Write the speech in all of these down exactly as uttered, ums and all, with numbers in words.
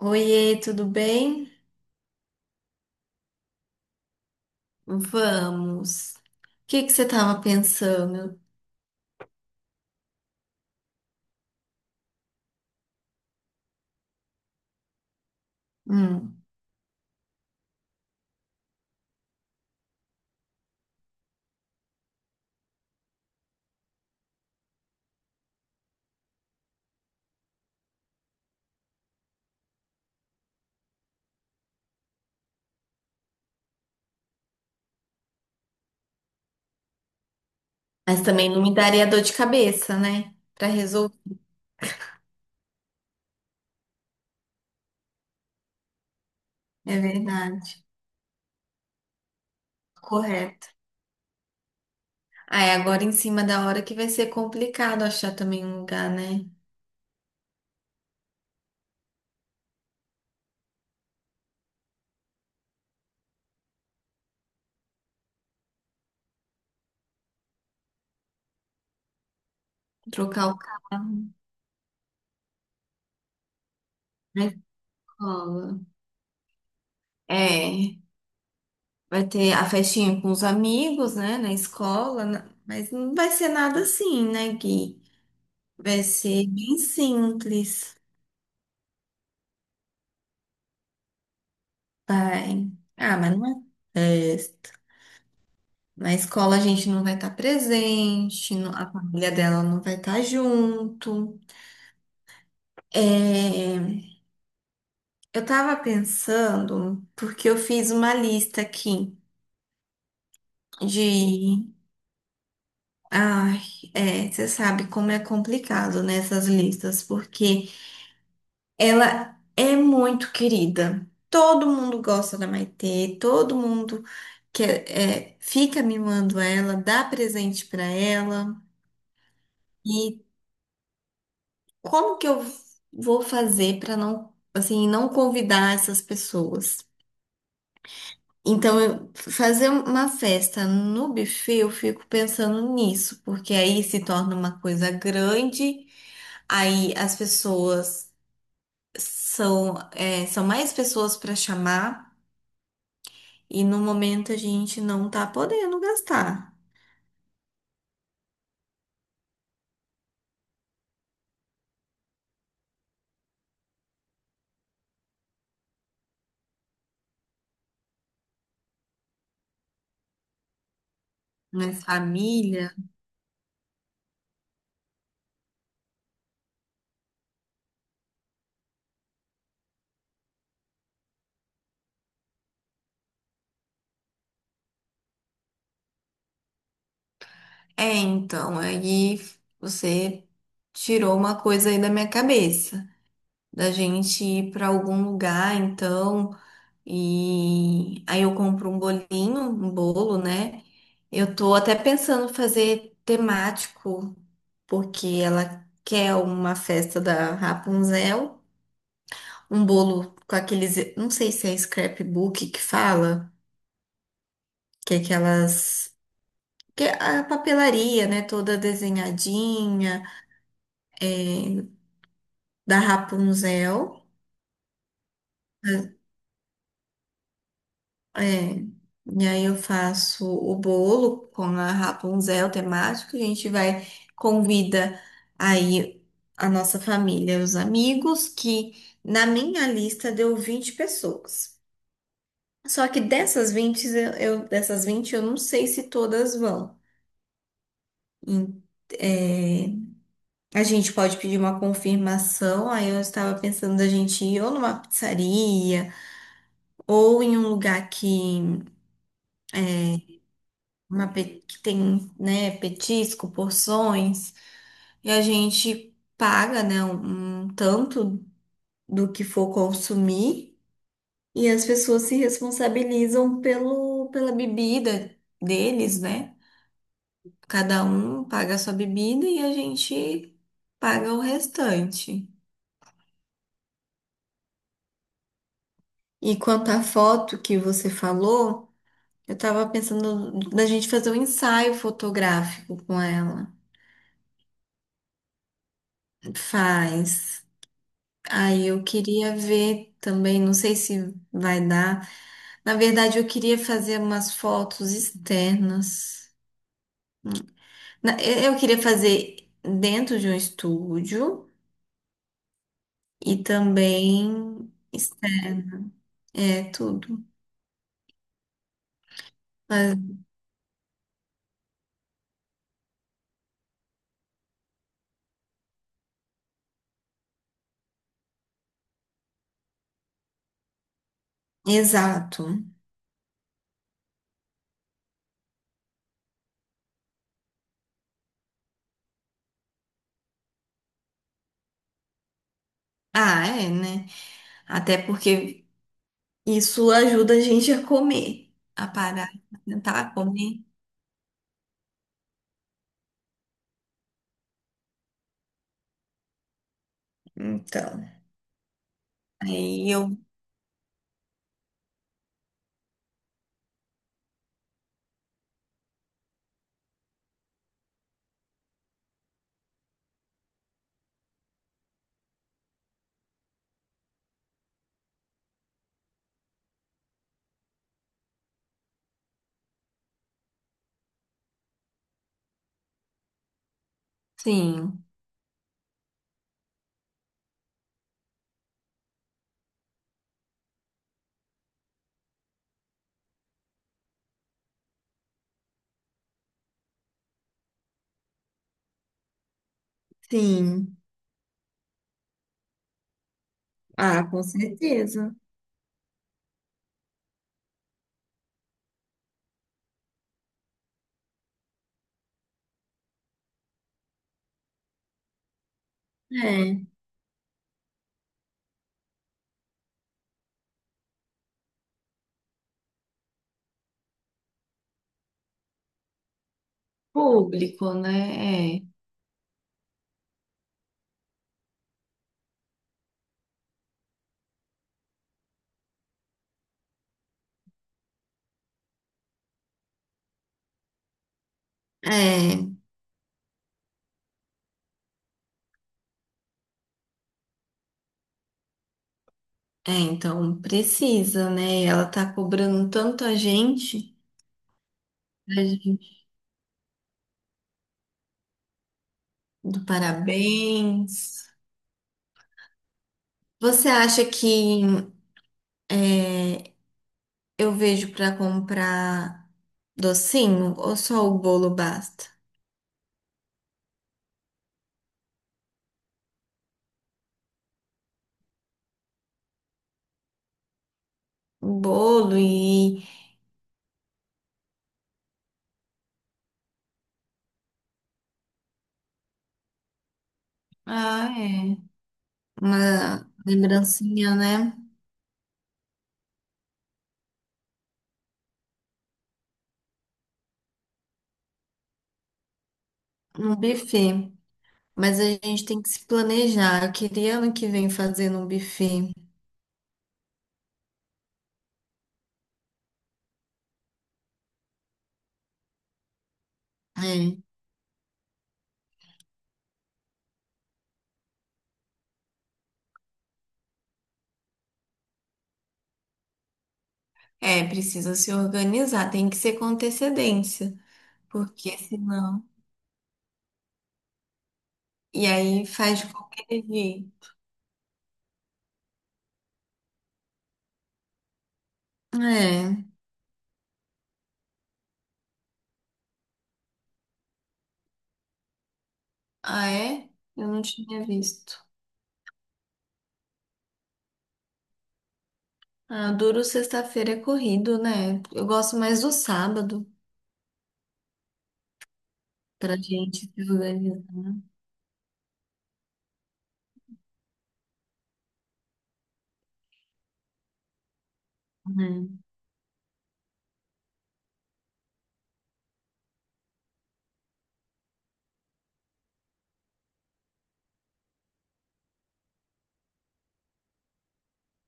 Oiê, tudo bem? Vamos. O que que você estava pensando? Hum, Mas também não me daria dor de cabeça, né? Para resolver. É verdade. Correto. Ah, é agora em cima da hora que vai ser complicado achar também um lugar, né? Trocar o carro na escola. É, vai ter a festinha com os amigos, né? Na escola, na- mas não vai ser nada assim, né, Gui? Vai ser bem simples. Tem. Ah, mas não é festa. Na escola a gente não vai estar presente, não- a família dela não vai estar junto. É, eu tava pensando, porque eu fiz uma lista aqui de. Ai, é, você sabe como é complicado nessas listas, porque ela é muito querida. Todo mundo gosta da Maitê, todo mundo quer, é, fica mimando ela, dá presente pra ela. E como que eu vou fazer para não, assim, não convidar essas pessoas? Então, eu- fazer uma festa no buffet, eu fico pensando nisso, porque aí se torna uma coisa grande, aí as pessoas são, é, são mais pessoas para chamar, e no momento a gente não tá podendo gastar, né? Família. É, então, aí você tirou uma coisa aí da minha cabeça. Da gente ir para algum lugar, então, e aí eu compro um bolinho, um bolo, né? Eu tô até pensando fazer temático, porque ela quer uma festa da Rapunzel, um bolo com aqueles, não sei se é scrapbook que fala, que é aquelas que é a papelaria, né, toda desenhadinha da Rapunzel. É, e aí eu faço o bolo com a Rapunzel temática, a gente vai, convida aí a nossa família, os amigos, que na minha lista deu vinte pessoas. Só que dessas vinte eu, eu- dessas vinte eu não sei se todas vão. Em- é, a gente pode pedir uma confirmação, aí eu estava pensando da gente ir ou numa pizzaria, ou em um lugar que uma pe- que tem, né, petisco, porções, e a gente paga, né, um, um tanto do que for consumir, e as pessoas se responsabilizam pelo, pela bebida deles, né? Cada um paga a sua bebida e a gente paga o restante. E quanto à foto que você falou, eu tava pensando da gente fazer um ensaio fotográfico com ela. Faz. Aí eu queria ver também, não sei se vai dar. Na verdade, eu queria fazer umas fotos externas. Na- Eu eu queria fazer dentro de um estúdio e também externo. É tudo. Mas- exato. Ah, é, né? Até porque isso ajuda a gente a comer, a parar, a tentar comer. Então, aí eu. Sim, sim. Ah, com certeza. É. Público, né? É. É, é, então precisa, né? Ela tá cobrando tanto a gente, a gente do parabéns. Você acha que é, eu vejo para comprar docinho ou só o bolo basta? O bolo e ah, é, uma lembrancinha, né? Um buffet. Mas a gente tem que se planejar. Eu queria ano que vem fazer um buffet. É. É, precisa se organizar, tem que ser com antecedência, porque senão. E aí faz de qualquer jeito. É. Ah, é? Eu não tinha visto. Ah, duro sexta-feira é corrido, né? Eu gosto mais do sábado pra gente se organizar. Né?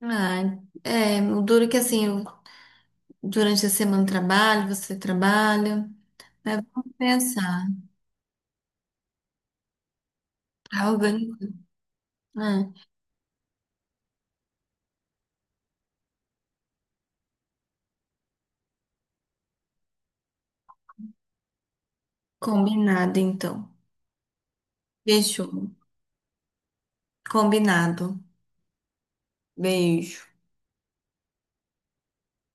Ah, é, o duro que assim, eu- durante a semana eu trabalho, você trabalha, né? Vamos pensar. Tá organizado. Combinado, então. Fechou. Combinado. Beijo.